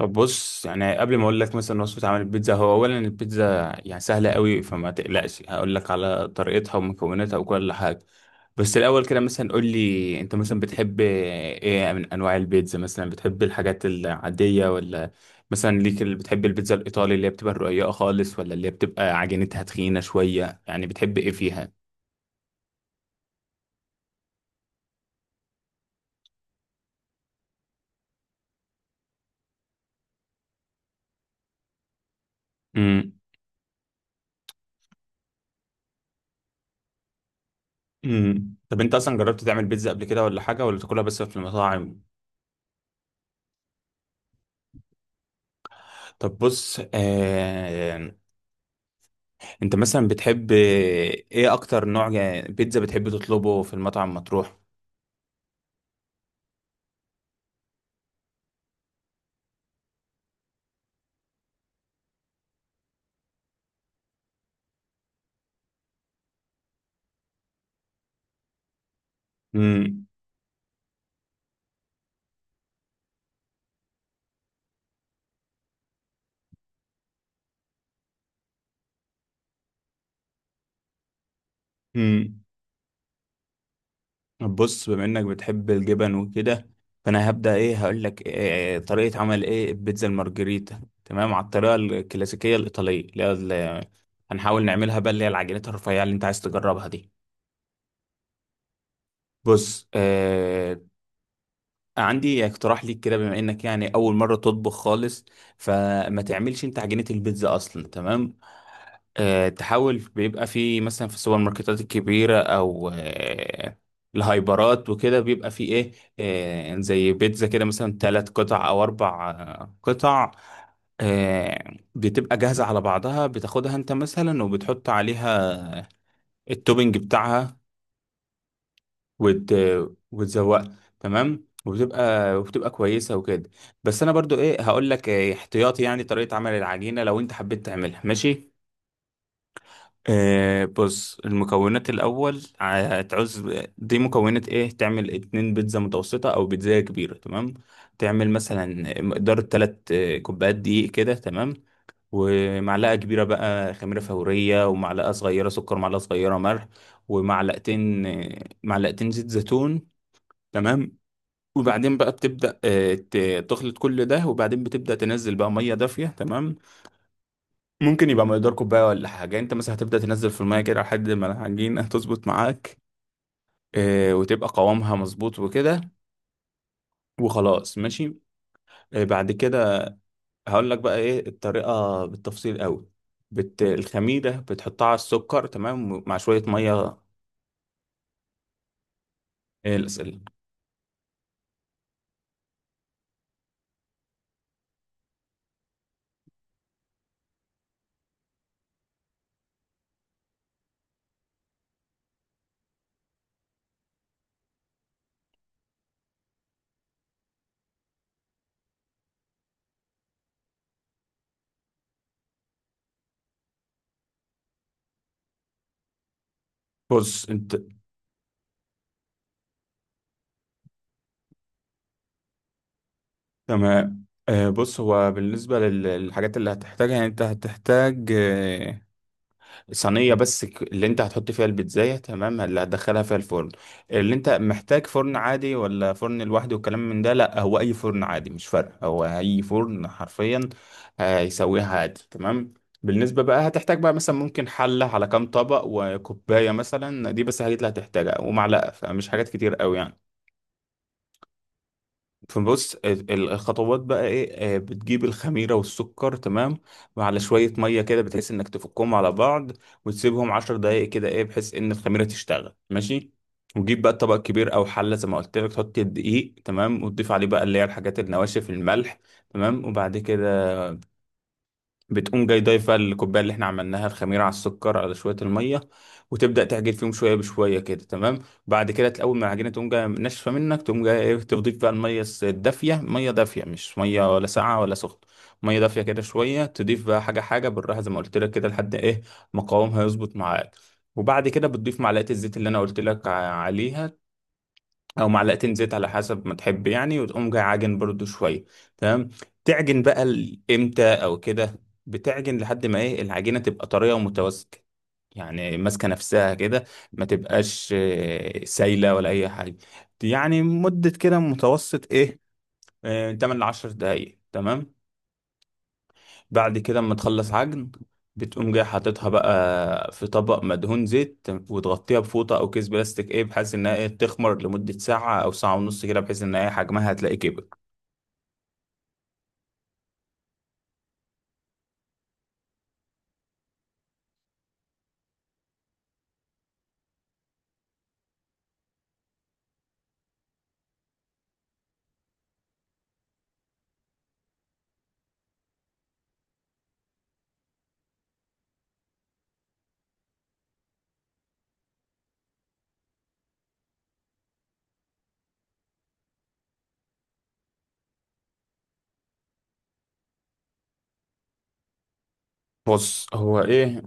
طب بص يعني قبل ما اقول لك مثلا وصفه عمل البيتزا، هو اولا البيتزا يعني سهله قوي، فما تقلقش. هقول لك على طريقتها ومكوناتها وكل حاجه. بس الاول كده مثلا قول لي انت مثلا بتحب ايه من انواع البيتزا؟ مثلا بتحب الحاجات العاديه ولا مثلا ليك اللي بتحب البيتزا الايطالي اللي هي بتبقى رقيقه خالص، ولا اللي هي بتبقى عجينتها تخينه شويه؟ يعني بتحب ايه فيها؟ امم طب انت اصلا جربت تعمل بيتزا قبل كده ولا حاجه، ولا تاكلها بس في المطاعم؟ طب بص، انت مثلا بتحب ايه اكتر نوع بيتزا بتحب تطلبه في المطعم مطروح؟ امم امم بص، بما انك بتحب الجبن وكده، فانا هبدا ايه هقول لك إيه طريقه عمل ايه البيتزا المارجريتا، تمام، على الطريقه الكلاسيكيه الايطاليه اللي هي هنحاول نعملها بقى، اللي هي العجينات الرفيعه اللي انت عايز تجربها دي. بص، عندي اقتراح ليك كده، بما انك يعني اول مره تطبخ خالص، فما تعملش انت عجينه البيتزا اصلا، تمام. تحاول بيبقى في مثلا في السوبر ماركتات الكبيره، او الهايبرات وكده بيبقى في ايه، زي بيتزا كده مثلا ثلاث قطع او اربع قطع. بتبقى جاهزه على بعضها، بتاخدها انت مثلا وبتحط عليها التوبينج بتاعها وت... وتزوقها، تمام، وبتبقى كويسه وكده. بس انا برضو ايه هقول لك إيه احتياطي يعني طريقه عمل العجينه لو انت حبيت تعملها، ماشي. بص، المكونات الاول هتعوز. دي مكونات ايه تعمل اتنين بيتزا متوسطه او بيتزا كبيره، تمام. تعمل مثلا مقدار تلات كوبايات دقيق كده، تمام. ومعلقه كبيره بقى خميره فوريه، ومعلقه صغيره سكر، معلقه صغيره ملح، ومعلقتين آه، معلقتين زيت زيتون، تمام. وبعدين بقى بتبدأ تخلط كل ده، وبعدين بتبدأ تنزل بقى مية دافية، تمام. ممكن يبقى مقدار كوباية ولا حاجة، انت مثلا هتبدأ تنزل في المية كده لحد ما العجينة تظبط معاك، وتبقى قوامها مظبوط وكده. وخلاص، ماشي. بعد كده هقول لك بقى ايه الطريقة بالتفصيل قوي. الخميرة بتحطها على السكر، تمام، مع شوية مية. الأسئلة. بص انت. تمام، بص هو بالنسبة للحاجات اللي هتحتاجها يعني انت هتحتاج صينية بس، اللي انت هتحط فيها البيتزاية، تمام، اللي هتدخلها فيها الفرن. اللي انت محتاج فرن عادي ولا فرن لوحده والكلام من ده، لا، هو اي فرن عادي مش فارق، هو اي فرن حرفيا هيسويها عادي، تمام. بالنسبة بقى هتحتاج بقى مثلا ممكن حلة على كام طبق وكوباية مثلا، دي بس الحاجات اللي هتحتاجها ومعلقة، فمش حاجات كتير قوي يعني. فبص، الخطوات بقى ايه، بتجيب الخميرة والسكر، تمام، وعلى شوية مية كده بتحس انك تفكهم على بعض. وتسيبهم عشر دقايق كده ايه بحيث ان الخميرة تشتغل، ماشي. وتجيب بقى طبق كبير او حلة زي ما قلت لك، تحط الدقيق، تمام، وتضيف عليه بقى اللي هي الحاجات النواشف الملح، تمام. وبعد كده بتقوم جاي ضايفة الكوباية اللي احنا عملناها الخميرة على السكر على شوية المية. وتبدأ تعجن فيهم شوية بشوية كده، تمام. بعد كده تلاقي أول ما العجينة تقوم جاية ناشفة منك، تقوم جاية ايه تضيف بقى المية الدافية. مية دافية مش مية ولا ساقعة ولا سخنة، مية دافية كده شوية. تضيف بقى حاجة حاجة بالراحة زي ما قلت لك كده لحد ايه مقاومها يظبط معاك. وبعد كده بتضيف معلقة الزيت اللي انا قلت لك عليها، او معلقتين زيت على حسب ما تحب يعني، وتقوم جاي عاجن برضو شويه، تمام. تعجن بقى امتى او كده. بتعجن لحد ما ايه العجينه تبقى طريه ومتماسكه، يعني ماسكه نفسها كده، ما تبقاش سايله ولا اي حاجه، يعني مده كده متوسط ايه، 8 ل 10 دقائق، تمام. بعد كده اما تخلص عجن، بتقوم جاي حاططها بقى في طبق مدهون زيت، وتغطيها بفوطة أو كيس بلاستيك إيه بحيث إنها إيه تخمر لمدة ساعة أو ساعة ونص كده، بحيث إن إيه حجمها هتلاقي كبر. بص هو إيه،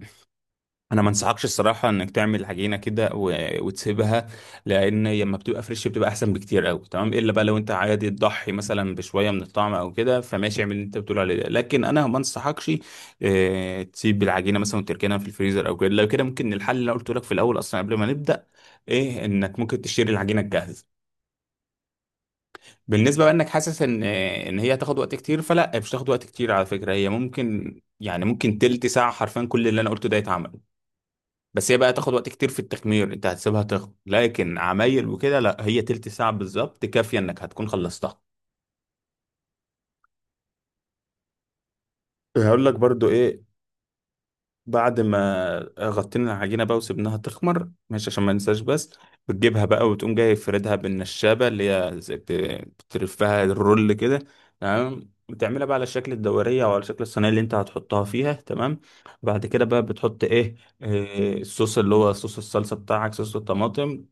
انا ما انصحكش الصراحه انك تعمل عجينه كده وتسيبها، لان لما بتبقى فريش بتبقى احسن بكتير قوي، تمام. الا بقى لو انت عادي تضحي مثلا بشويه من الطعم او كده فماشي، اعمل اللي انت بتقول عليه ده، لكن انا ما انصحكش تسيب العجينه مثلا وتركنها في الفريزر او كده. لو كده ممكن الحل اللي أنا قلته لك في الاول اصلا قبل ما نبدا ايه، انك ممكن تشتري العجينه الجاهزه. بالنسبه بقى انك حاسس ان هي هتاخد وقت كتير، فلا، مش هتاخد وقت كتير على فكره، هي ممكن يعني ممكن تلت ساعه حرفيا كل اللي انا قلته ده يتعمل. بس هي بقى تاخد وقت كتير في التخمير، انت هتسيبها تخمر لكن عمايل وكده لا، هي تلت ساعة بالظبط كافية انك هتكون خلصتها. هقول لك برضو ايه، بعد ما غطينا العجينة بقى وسبناها تخمر، ماشي، عشان ما ننساش بس، بتجيبها بقى وتقوم جاي فردها بالنشابة اللي هي زي بتلفها الرول كده، تمام. بتعملها بقى على شكل الدورية أو على شكل الصينية اللي أنت هتحطها فيها، تمام. بعد كده بقى بتحط إيه، الصوص اللي هو صوص الصلصة بتاعك صوص الطماطم.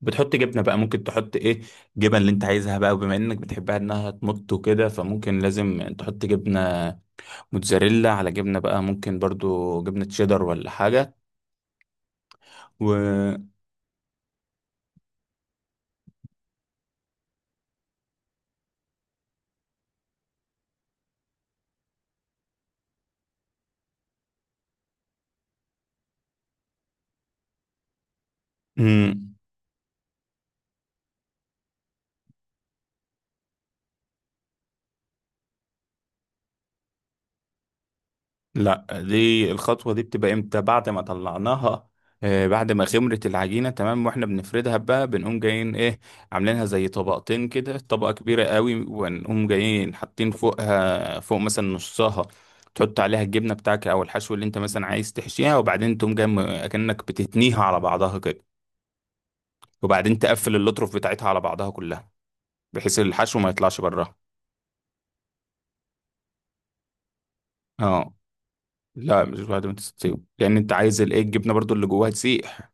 بتحط جبنه بقى، ممكن تحط ايه جبن اللي انت عايزها بقى، وبما انك بتحبها انها تمط وكده فممكن لازم تحط جبنه موتزاريلا، على جبنه بقى ممكن برضو جبنه شيدر ولا حاجه. و مم. لا، دي الخطوة دي بتبقى امتى بعد ما طلعناها، بعد ما خمرت العجينة تمام واحنا بنفردها بقى بنقوم جايين ايه عاملينها زي طبقتين كده، طبقة كبيرة قوي، ونقوم جايين حاطين فوقها، فوق مثلا نصها، تحط عليها الجبنة بتاعك او الحشو اللي انت مثلا عايز تحشيها، وبعدين تقوم جاي اكنك بتتنيها على بعضها كده، وبعدين تقفل اللطرف بتاعتها على بعضها كلها بحيث الحشو ما يطلعش براها. اه، لا، مش بعد ما تستوي لان انت عايز الايه الجبنة برضو اللي جواها تسيح.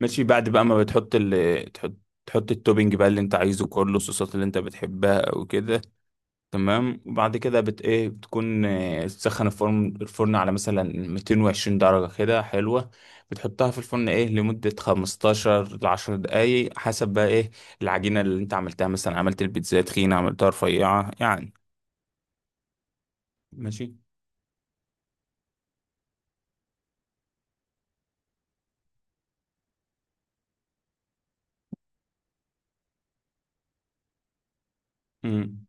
ماشي، بعد بقى ما بتحط ال تحط تحط التوبينج بقى اللي انت عايزه كله، الصوصات اللي انت بتحبها او كده، تمام. وبعد كده ايه بتكون تسخن الفرن على مثلا 220 درجة كده حلوة. بتحطها في الفرن ايه لمدة 15 ل 10 دقايق، حسب بقى ايه العجينة اللي انت عملتها، مثلا عملت البيتزا تخينة عملتها رفيعة يعني. ماشي. امم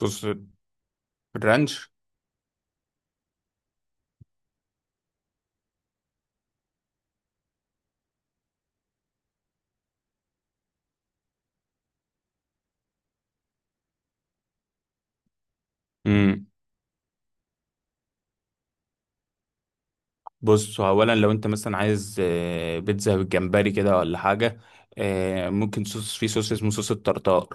بص، الرانش. بص اولا لو انت مثلا عايز بيتزا بالجمبري كده ولا حاجه، ممكن صوص، في صوص اسمه صوص الطرطار.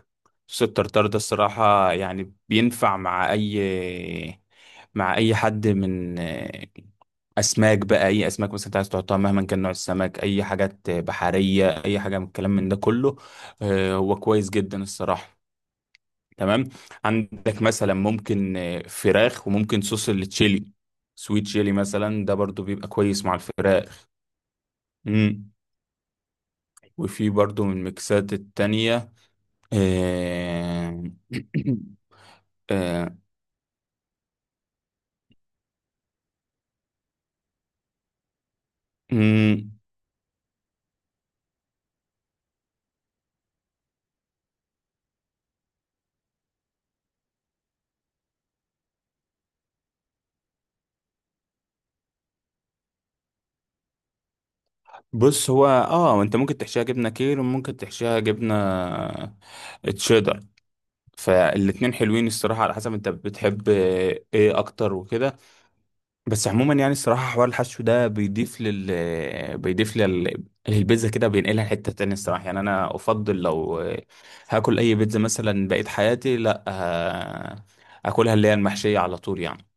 صوص الطرطار ده الصراحه يعني بينفع مع اي حد من اسماك بقى، اي اسماك مثلا انت عايز تحطها مهما كان نوع السمك، اي حاجات بحريه، اي حاجه من الكلام من ده كله. هو كويس جدا الصراحه، تمام. عندك مثلا ممكن فراخ وممكن صوص التشيلي، سويت شيلي مثلا ده برضو بيبقى كويس مع الفراخ. مم. وفي برضو من الميكسات التانية، آه، آه، مم. بص هو، انت ممكن تحشيها جبنة كير وممكن تحشيها جبنة تشيدر، فالاتنين حلوين الصراحة، على حسب انت بتحب ايه اكتر وكده. بس عموما يعني الصراحة حوار الحشو ده بيضيف لل البيتزا كده بينقلها لحتة تانية، الصراحة يعني أنا أفضل لو هاكل أي بيتزا مثلا بقيت حياتي، لأ، أكلها اللي هي المحشية على طول يعني.